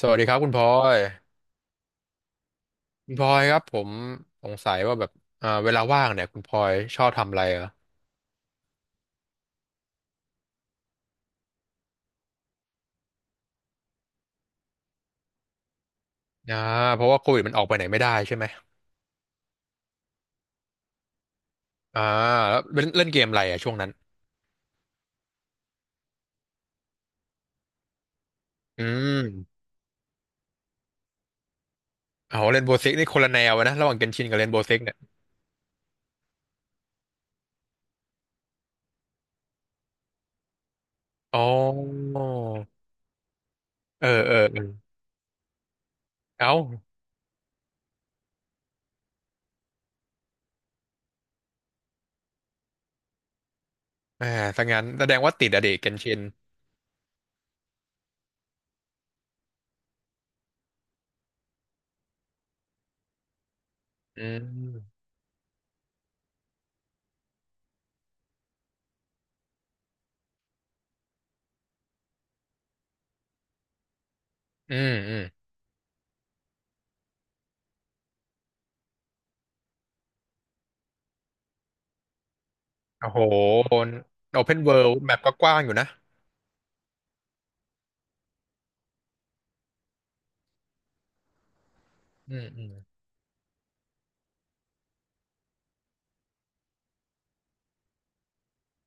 สวัสดีครับคุณพลอยคุณพลอยครับผมสงสัยว่าแบบเวลาว่างเนี่ยคุณพลอยชอบทำอะไรเหรออ่าเพราะว่าโควิดมันออกไปไหนไม่ได้ใช่ไหมอ่าแล้วเล่นเล่นเกมอะไรอ่ะช่วงนั้นอืมเอาเล่นโบสิกนี่คนละแนวนะระหว่างเกนชินกับเล่นโบสิกเนี่ยอ๋อเออเออเออเอ้าแหมถ้างั้นแสดงว่าติดอะเด็กเกนชินอืมอืมอืมโอ้โหโอเพนเวิลด์แมปก็กว้างอยู่นะอืมอืม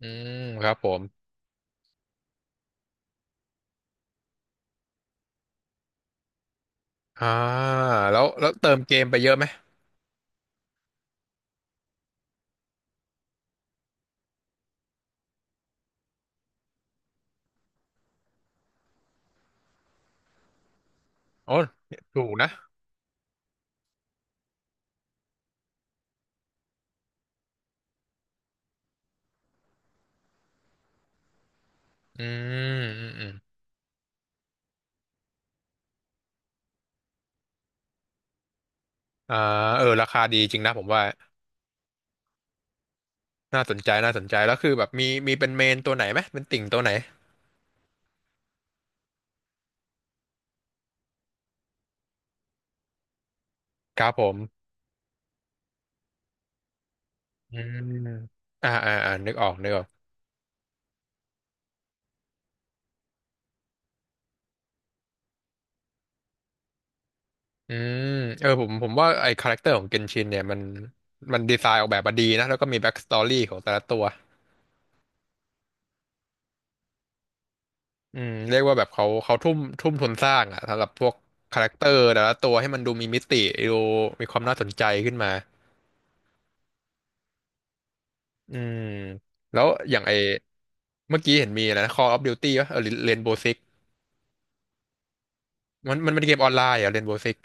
อืมครับผม อ่าแล้วแล้วเติมเกมไปเยอะไหมโอ้ถูกนะอืมอืมอืมอ่าเออราคาดีจริงนะผมว่าน่าสนใจน่าสนใจแล้วคือแบบมีมีเป็นเมนตัวไหนไหมเป็นติ่งตัวไหนครับผมอืมอ่าอ่าอ่านึกออกนึกออกอืมเออผมว่าไอ้คาแรคเตอร์ของเกนชินเนี่ยมันดีไซน์ออกแบบมาดีนะแล้วก็มีแบ็กสตอรี่ของแต่ละตัวอืมเรียกว่าแบบเขาทุ่มทุนสร้างอะสำหรับพวกคาแรคเตอร์แต่ละตัวให้มันดูมีมิติดูมีความน่าสนใจขึ้นมา อืมแล้วอย่างไอเมื่อกี้เห็นมีอะไรนะ Call of Duty วะเออเรนโบวิกมันเป็นเกมออนไลน์เหรอเรนโบวิก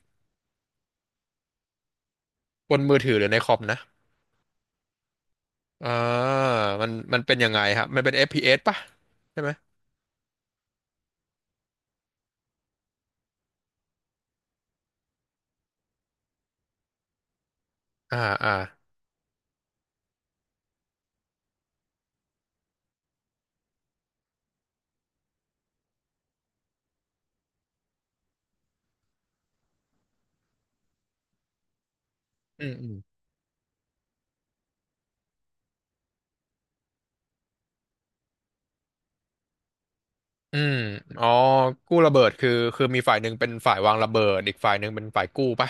บนมือถือหรือในคอมนะอ่ามันเป็นยังไงครับมันเป็น f p สป่ะใช่ไหมอ่าอ่าอืมอืมอืมอ๋อกู้ระเบิดคือคือมีฝ่ายหนึ่งเป็นฝ่ายวางระเบิดอีกฝ่ายหนึ่งเป็นฝ่ายกู้ป่ะ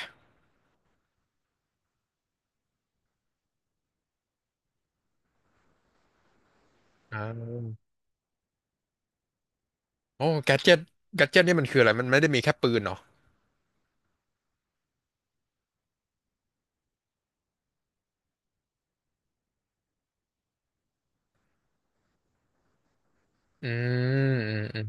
อ่าโอ้แกดเจ็ตแกดเจ็ตนี่มันคืออะไรมันไม่ได้มีแค่ปืนเหรออืมอืมอืม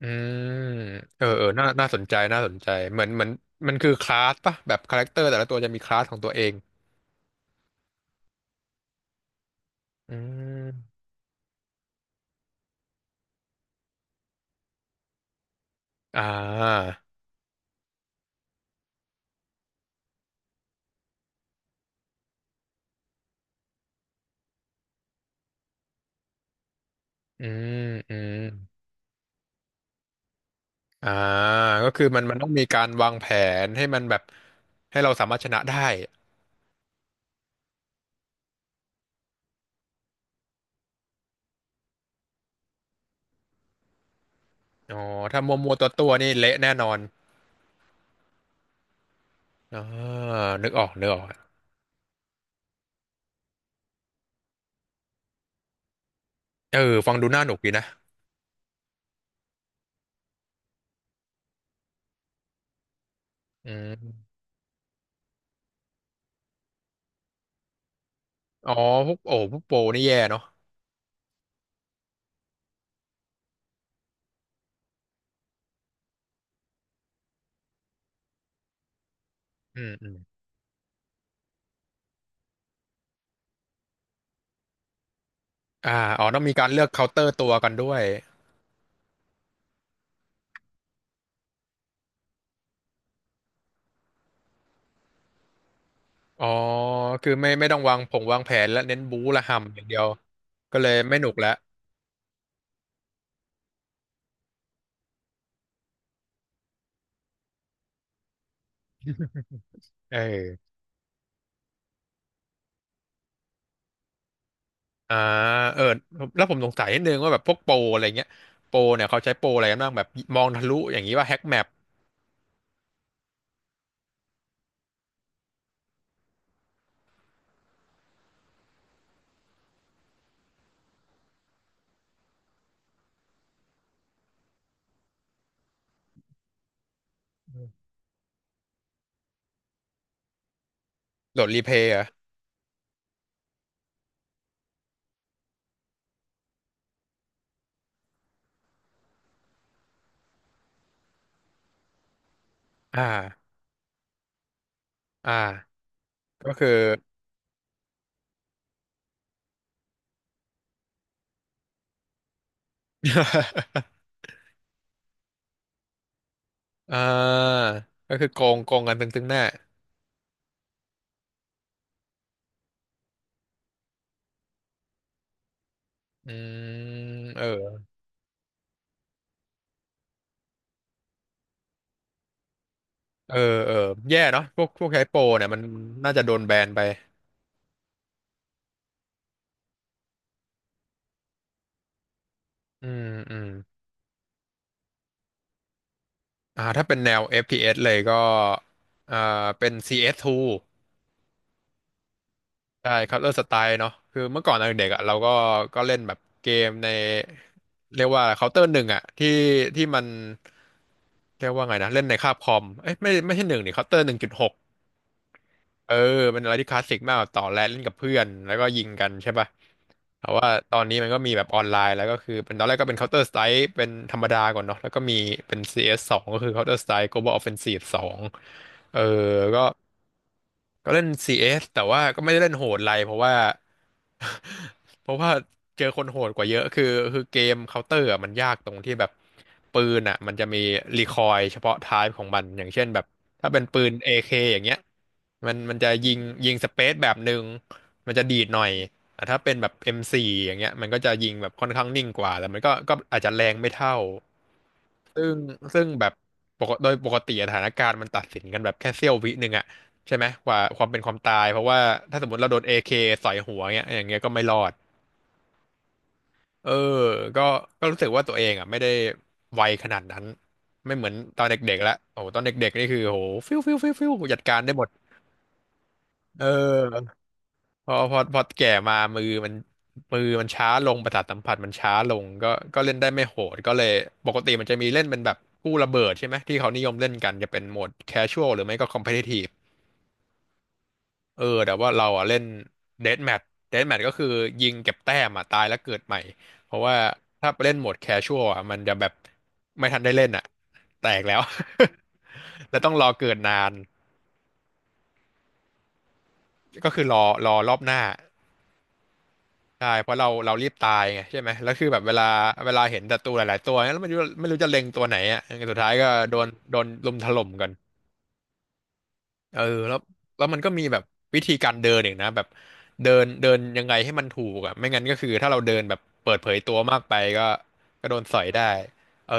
อืมเออเออน่าน่าสนใจน่าสนใจเหมือนเหมือนมันคือคลาสป่ะแบบคาแรคเตอร์แต่ละตัวจะมีคลาสของตัวเองอืมอ่าอืมอืมอ่าก็คือมันต้องมีการวางแผนให้มันแบบให้เราสามารถชนะได้อ๋อถ้ามัวตัวนี่เละแน่นอนอ่านึกออกนึกออกเออฟังดูน่าหนุกดีนะอืมอ๋อพวกโอ้พวกโปรนี่แย่เนาะอืมอืมอ่าอ๋อต้องมีการเลือกเคาน์เตอร์ตัวกันด้วย อ๋อคือไม่ไม่ต้องวางผงวางแผนและเน้นบู๊ละห่ำอย่างเดียวก็เลยไม่หนุกแล้วเอออ่าเออแล้วผมสงสัยนิดนึงว่าแบบพวกโปรอะไรเงี้ยโปรเนี่ยเขาใช้โปรอะไรกันบ้างแบบมองทะลุอย่างนี้ว่าแฮ็กแมปโหลดรีเพย์เหรออ่าอ่าก็คือ อ่าก็คือโกงโกงกันตึงๆหน้าอืมเออเออเออแย่เนาะพวกพวกใช้โปรเนี่ยมันน่าจะโดนแบนไปอืมอืม อ่าถ้าเป็นแนว FPS เอสเลยก็อ่าเป็น CS2 ใช่ Counter Strike เนาะคือเมื่อก่อนตอนเด็กๆอ่ะเราก็ก็เล่นแบบเกมในเรียกว่า Counter หนึ่งอ่ะที่ที่มันเรียกว่าไงนะเล่นในคาบคอมเอ้ยไม่ไม่ใช่หนึ่งดิ Counter หนึ่งจุดหก เออเป็นอะไรที่คลาสสิกมากแบบต่อแรดเล่นกับเพื่อนแล้วก็ยิงกันใช่ป่ะแต่ว่าตอนนี้มันก็มีแบบออนไลน์แล้วก็คือเป็นตอนแรกก็เป็น Counter Strike เป็นธรรมดาก่อนเนาะแล้วก็มีเป็น CS 2ก็คือ Counter Strike Global Offensive 2เออก็ ก็เล่น CS แต่ว่าก็ไม่ได้เล่นโหดอะไรเพราะว่า เพราะว่าเจอคนโหดกว่าเยอะคือคือเกมเคาน์เตอร์อะมันยากตรงที่แบบปืนอ่ะมันจะมีรีคอยล์เฉพาะไทป์ของมันอย่างเช่นแบบถ้าเป็นปืน AK อเคอย่างเงี้ยมันจะยิงสเปซแบบหนึ่งมันจะดีดหน่อยแต่ถ้าเป็นแบบ M4 อมโฟร์อย่างเงี้ยมันก็จะยิงแบบค่อนข้างนิ่งกว่าแต่มันก็ก็อาจจะแรงไม่เท่าซึ่งซึ่งแบบปกโดยปกติอะสถานการณ์มันตัดสินกันแบบแค่เสี้ยววิหนึ่งอะ ใช่ไหมกว่าความเป็นความตายเพราะว่าถ้าสมมติเราโดนเอเคใส่หัวเงี้ยอย่างเงี้ยก็ไม่รอดเออก็ก็รู้สึกว่าตัวเองอ่ะไม่ได้ไวขนาดนั้นไม่เหมือนตอนเด็กๆละโอ้โหตอนเด็กๆนี่คือโหฟิวฟิวฟิวฟิวจัดการได้หมดเออพอพอพอแก่มามือมันมือมันช้าลงประสาทสัมผัสมันช้าลงก็ก็เล่นได้ไม่โหดก็เลยปกติมันจะมีเล่นเป็นแบบกู้ระเบิดใช่ไหมที่เขานิยมเล่นกันจะเป็นโหมดแคชชวลหรือไม่ก็คอมเพทิทีฟ เออแต่ว่าเราอ่ะเล่นเดธแมทเดธแมทก็คือยิงเก็บแต้มอ่ะตายแล้วเกิดใหม่เพราะว่าถ้าไปเล่นโหมดแคชชวลอ่ะมันจะแบบไม่ทันได้เล่นอ่ะแตกแล้ว แล้วต้องรอเกิดนานก็คือรอรอรอบหน้าใช่เพราะเรารีบตายไงใช่ไหมแล้วคือแบบเวลาเวลาเห็นศัตรูหลายๆตัวเนี่ยแล้วไม่รู้จะเล็งตัวไหนอ่ะสุดท้ายก็โดนโดนลุมถล่มกัน เออแล้วแล้วมันก็มีแบบวิธีการเดินอีกนะแบบเดินเดินยังไงให้มันถูกอ่ะไม่งั้นก็คือถ้าเราเดินแบบเปิดเผยตัวมากไปก็ก็โดนสอยได้เออ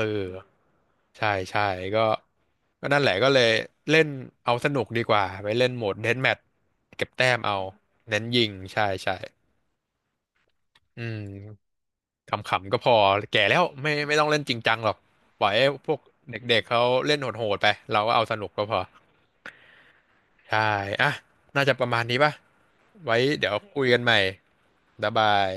ใช่ใช่ก็ก็นั่นแหละก็เลยเล่นเอาสนุกดีกว่าไปเล่นโหมดเดธแมทเก็บแต้มเอาเน้นยิงใช่ใช่อืมขำๆก็พอแก่แล้วไม่ไม่ต้องเล่นจริงจังหรอกปล่อยให้พวกเด็กๆเขาเล่นโหดๆไปเราก็เอาสนุกก็พอ ใช่อ่ะน่าจะประมาณนี้ป่ะไว้เดี๋ยวคุยกันใหม่บ๊ายบาย